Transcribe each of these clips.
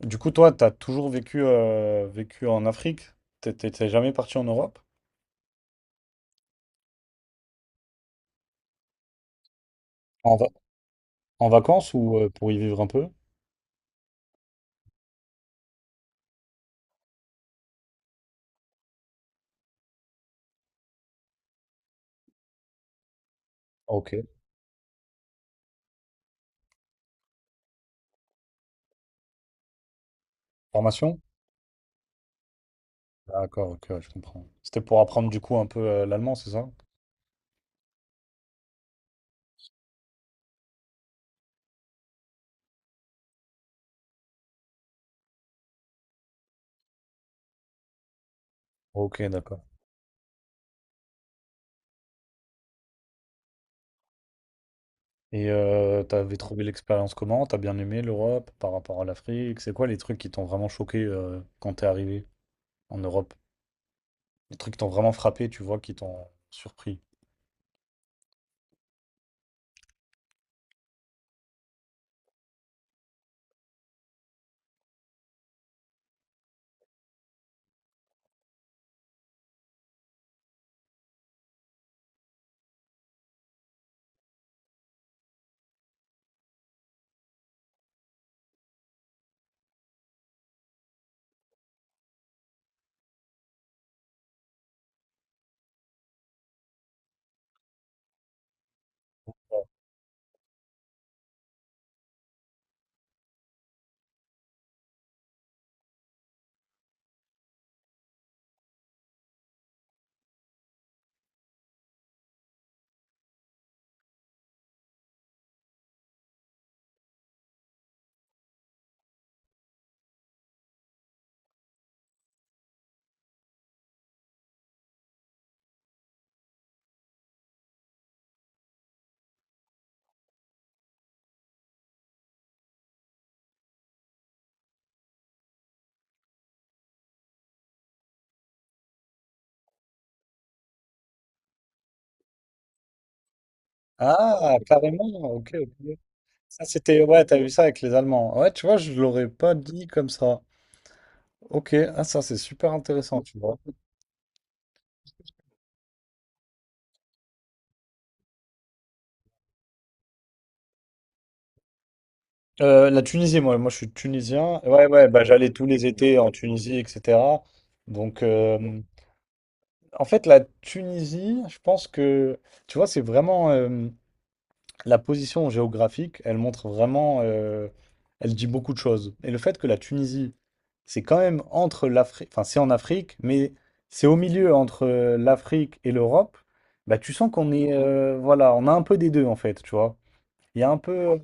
Du coup, toi, t'as toujours vécu, en Afrique? T'es jamais parti en Europe? En, va- en vacances ou pour y vivre un peu? Ok. Formation? D'accord, ok, ouais, je comprends. C'était pour apprendre du coup un peu l'allemand, c'est ça? Ok, d'accord. Et t'avais trouvé l'expérience comment? T'as bien aimé l'Europe par rapport à l'Afrique? C'est quoi les trucs qui t'ont vraiment choqué quand t'es arrivé en Europe? Les trucs qui t'ont vraiment frappé, tu vois, qui t'ont surpris. Ah, carrément, ok, ok. Ça, c'était, ouais, t'as vu ça avec les Allemands. Ouais, tu vois, je l'aurais pas dit comme ça. Ok, ah, ça, c'est super intéressant, tu vois. La Tunisie, moi, je suis tunisien. Ouais, ouais, bah, j'allais tous les étés en Tunisie, etc. Donc, en fait, la Tunisie, je pense que, tu vois, c'est vraiment, la position géographique, elle montre vraiment, elle dit beaucoup de choses. Et le fait que la Tunisie, c'est quand même entre l'Afrique, enfin c'est en Afrique, mais c'est au milieu entre l'Afrique et l'Europe, bah tu sens qu'on est, voilà, on a un peu des deux en fait, tu vois. Il y a un peu,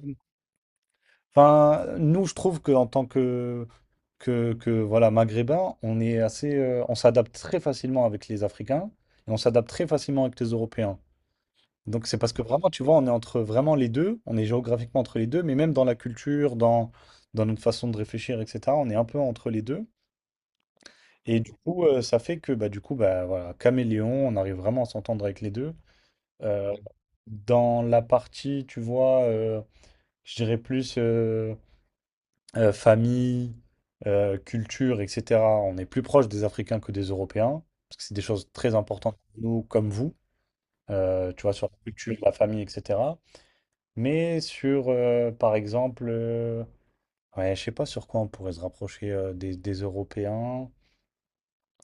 enfin nous je trouve que en tant que voilà maghrébin, on est assez, on s'adapte très facilement avec les Africains et on s'adapte très facilement avec les Européens. Donc c'est parce que vraiment, tu vois, on est entre vraiment les deux, on est géographiquement entre les deux, mais même dans la culture, dans notre façon de réfléchir, etc., on est un peu entre les deux. Et du coup, ça fait que bah, du coup, bah, voilà, caméléon, on arrive vraiment à s'entendre avec les deux. Euh, Dans la partie, tu vois, je dirais plus famille, culture, etc., on est plus proche des Africains que des Européens, parce que c'est des choses très importantes pour nous, comme vous, tu vois, sur la culture, la famille, etc. Mais sur, par exemple, ouais, je sais pas sur quoi on pourrait se rapprocher des Européens.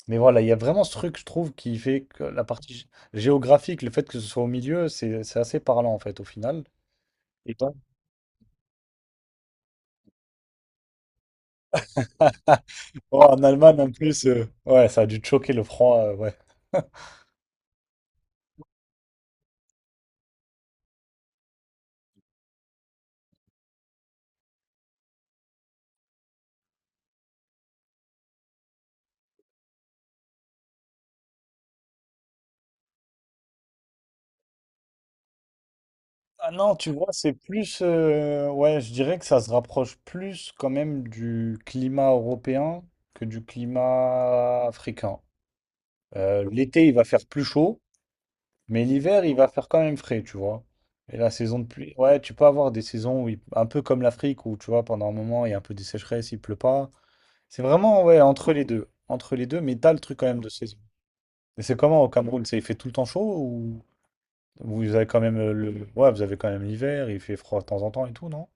Mais voilà, il y a vraiment ce truc, je trouve, qui fait que la partie géographique, le fait que ce soit au milieu, c'est assez parlant, en fait, au final. Et toi? Oh, en Allemagne, en plus, ouais, ça a dû te choquer le froid, ouais. Ah non, tu vois, c'est plus, ouais, je dirais que ça se rapproche plus quand même du climat européen que du climat africain. L'été, il va faire plus chaud. Mais l'hiver, il va faire quand même frais, tu vois. Et la saison de pluie, ouais, tu peux avoir des saisons un peu comme l'Afrique, où tu vois, pendant un moment, il y a un peu des sécheresses, il pleut pas. C'est vraiment, ouais, entre les deux. Entre les deux, mais t'as le truc quand même de saison. Et c'est comment au Cameroun? C'est, il fait tout le temps chaud ou vous avez quand même le. Ouais, vous avez quand même l'hiver, il fait froid de temps en temps et tout, non?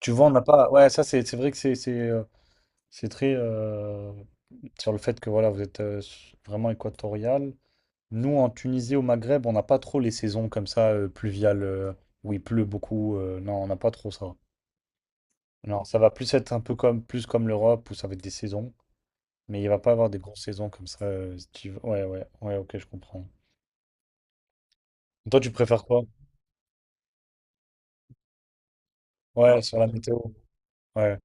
Tu vois, on n'a pas. Ouais, ça, c'est vrai que c'est très, sur le fait que, voilà, vous êtes vraiment équatorial. Nous, en Tunisie, au Maghreb, on n'a pas trop les saisons comme ça, pluviales, où il pleut beaucoup, non, on n'a pas trop ça. Non, ça va plus être un peu comme, plus comme l'Europe, où ça va être des saisons. Mais il va pas avoir des grosses saisons comme ça. Ouais, ouais, ouais, ok, je comprends. Toi, tu préfères quoi? Ouais, sur la météo. Ouais,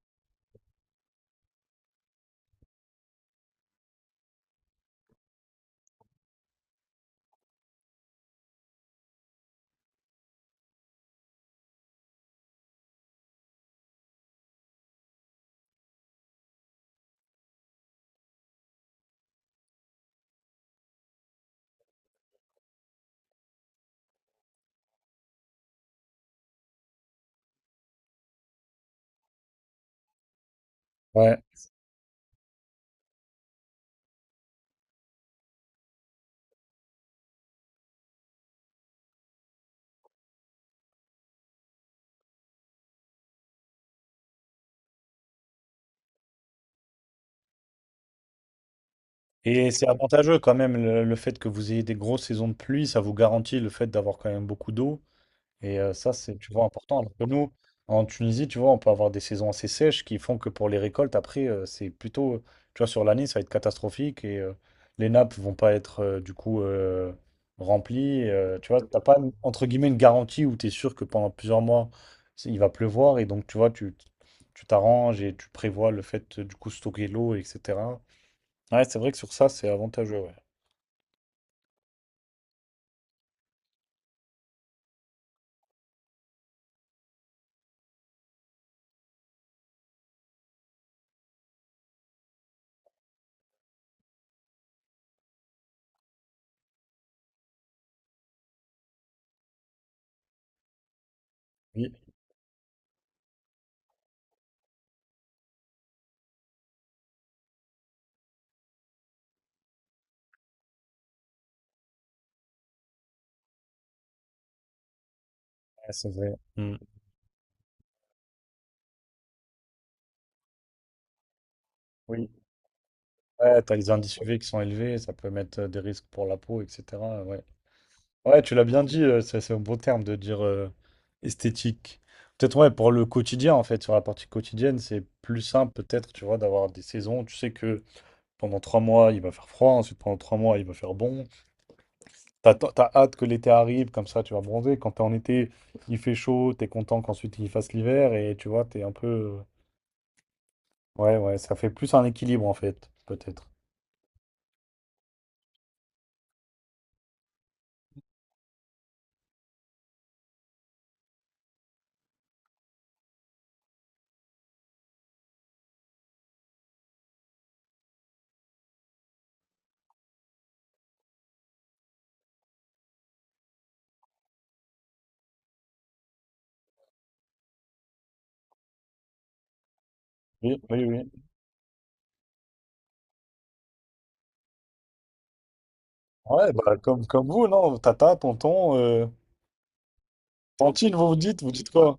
ouais. Et c'est avantageux quand même, le fait que vous ayez des grosses saisons de pluie, ça vous garantit le fait d'avoir quand même beaucoup d'eau. Et ça, c'est, tu vois, important. Alors que nous, en Tunisie, tu vois, on peut avoir des saisons assez sèches qui font que pour les récoltes, après, c'est plutôt, tu vois, sur l'année, ça va être catastrophique et les nappes vont pas être, du coup, remplies. Et, tu vois, t'as pas, entre guillemets, une garantie où tu es sûr que pendant plusieurs mois, il va pleuvoir et donc, tu vois, tu t'arranges et tu prévois le fait, de, du coup, stocker l'eau, etc. Ouais, c'est vrai que sur ça, c'est avantageux, ouais. Oui, ouais, c'est vrai. Mm. Oui, ouais, t'as les indices UV qui sont élevés, ça peut mettre des risques pour la peau, etc. Ouais, ouais, tu l'as bien dit, c'est un beau terme de dire esthétique. Peut-être, ouais, pour le quotidien, en fait, sur la partie quotidienne, c'est plus simple, peut-être, tu vois, d'avoir des saisons. Tu sais que pendant 3 mois, il va faire froid, ensuite pendant 3 mois, il va faire bon. T'as hâte que l'été arrive, comme ça tu vas bronzer. Quand t'es en été, il fait chaud, t'es content qu'ensuite il fasse l'hiver et tu vois, t'es un peu. Ouais, ouais, ça fait plus un équilibre en fait, peut-être. Oui, oui, oui. Ouais, bah comme vous, non? Tata, tonton. Tantine, vous vous dites quoi?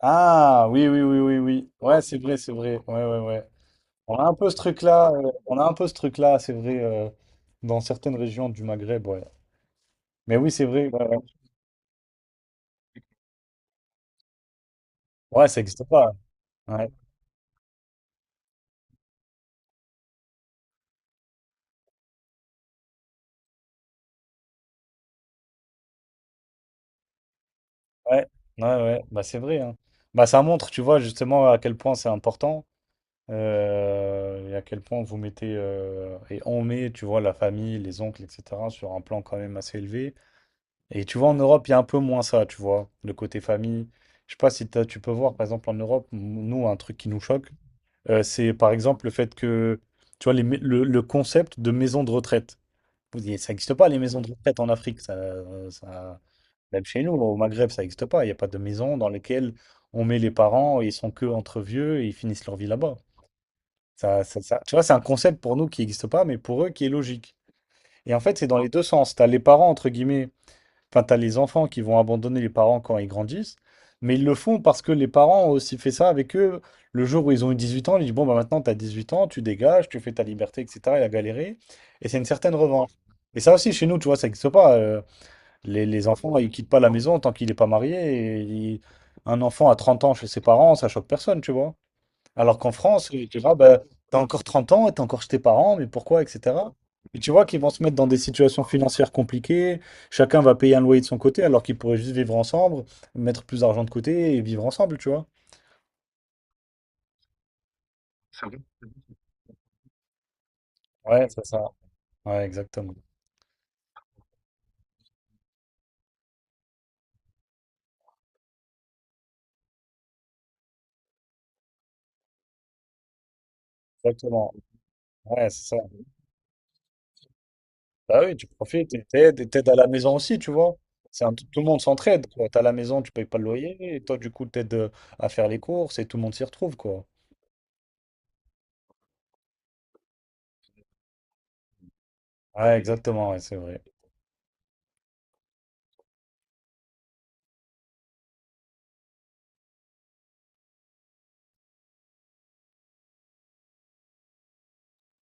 Ah, oui, oui, oui, oui, oui. Ouais, c'est vrai, c'est vrai. Ouais, ouais, ouais. On a un peu ce truc-là, on a un peu ce truc-là, c'est vrai, dans certaines régions du Maghreb, ouais. Mais oui, c'est vrai, ouais, ouais. Ouais, ça n'existe pas. Ouais. Ouais, ouais, ouais, bah c'est vrai, hein. Bah ça montre, tu vois, justement à quel point c'est important, et à quel point vous mettez, et on met, tu vois, la famille, les oncles, etc., sur un plan quand même assez élevé. Et tu vois, en Europe, il y a un peu moins ça, tu vois, le côté famille. Je sais pas si tu peux voir, par exemple, en Europe, nous, un truc qui nous choque, c'est par exemple le fait que, tu vois, le concept de maison de retraite. Ça n'existe pas, les maisons de retraite en Afrique, ça- même chez nous, au Maghreb, ça n'existe pas. Il n'y a pas de maison dans laquelle on met les parents et ils sont que entre vieux et ils finissent leur vie là-bas. Tu vois, c'est un concept pour nous qui n'existe pas, mais pour eux qui est logique. Et en fait, c'est dans les deux sens. Tu as les parents, entre guillemets, enfin, tu as les enfants qui vont abandonner les parents quand ils grandissent, mais ils le font parce que les parents ont aussi fait ça avec eux. Le jour où ils ont eu 18 ans, ils disent, bon, bah, maintenant, tu as 18 ans, tu dégages, tu fais ta liberté, etc. Il a galéré. Et c'est une certaine revanche. Et ça aussi, chez nous, tu vois, ça n'existe pas. Les enfants, ils quittent pas la maison tant qu'il n'est pas marié. et il- Un enfant à 30 ans chez ses parents, ça choque personne, tu vois. Alors qu'en France, tu vois, bah, t'as encore 30 ans et t'es encore chez tes parents, mais pourquoi, etc. Et tu vois qu'ils vont se mettre dans des situations financières compliquées. Chacun va payer un loyer de son côté, alors qu'ils pourraient juste vivre ensemble, mettre plus d'argent de côté et vivre ensemble, tu vois. Ouais, c'est ça. Ouais, exactement. Exactement. Ouais, c'est ça. Bah oui, tu profites et t'aides à la maison aussi, tu vois. Tout le monde s'entraide, quoi. T'as la maison, tu payes pas le loyer, et toi, du coup, t'aides à faire les courses et tout le monde s'y retrouve, quoi. Ouais, exactement, ouais, c'est vrai.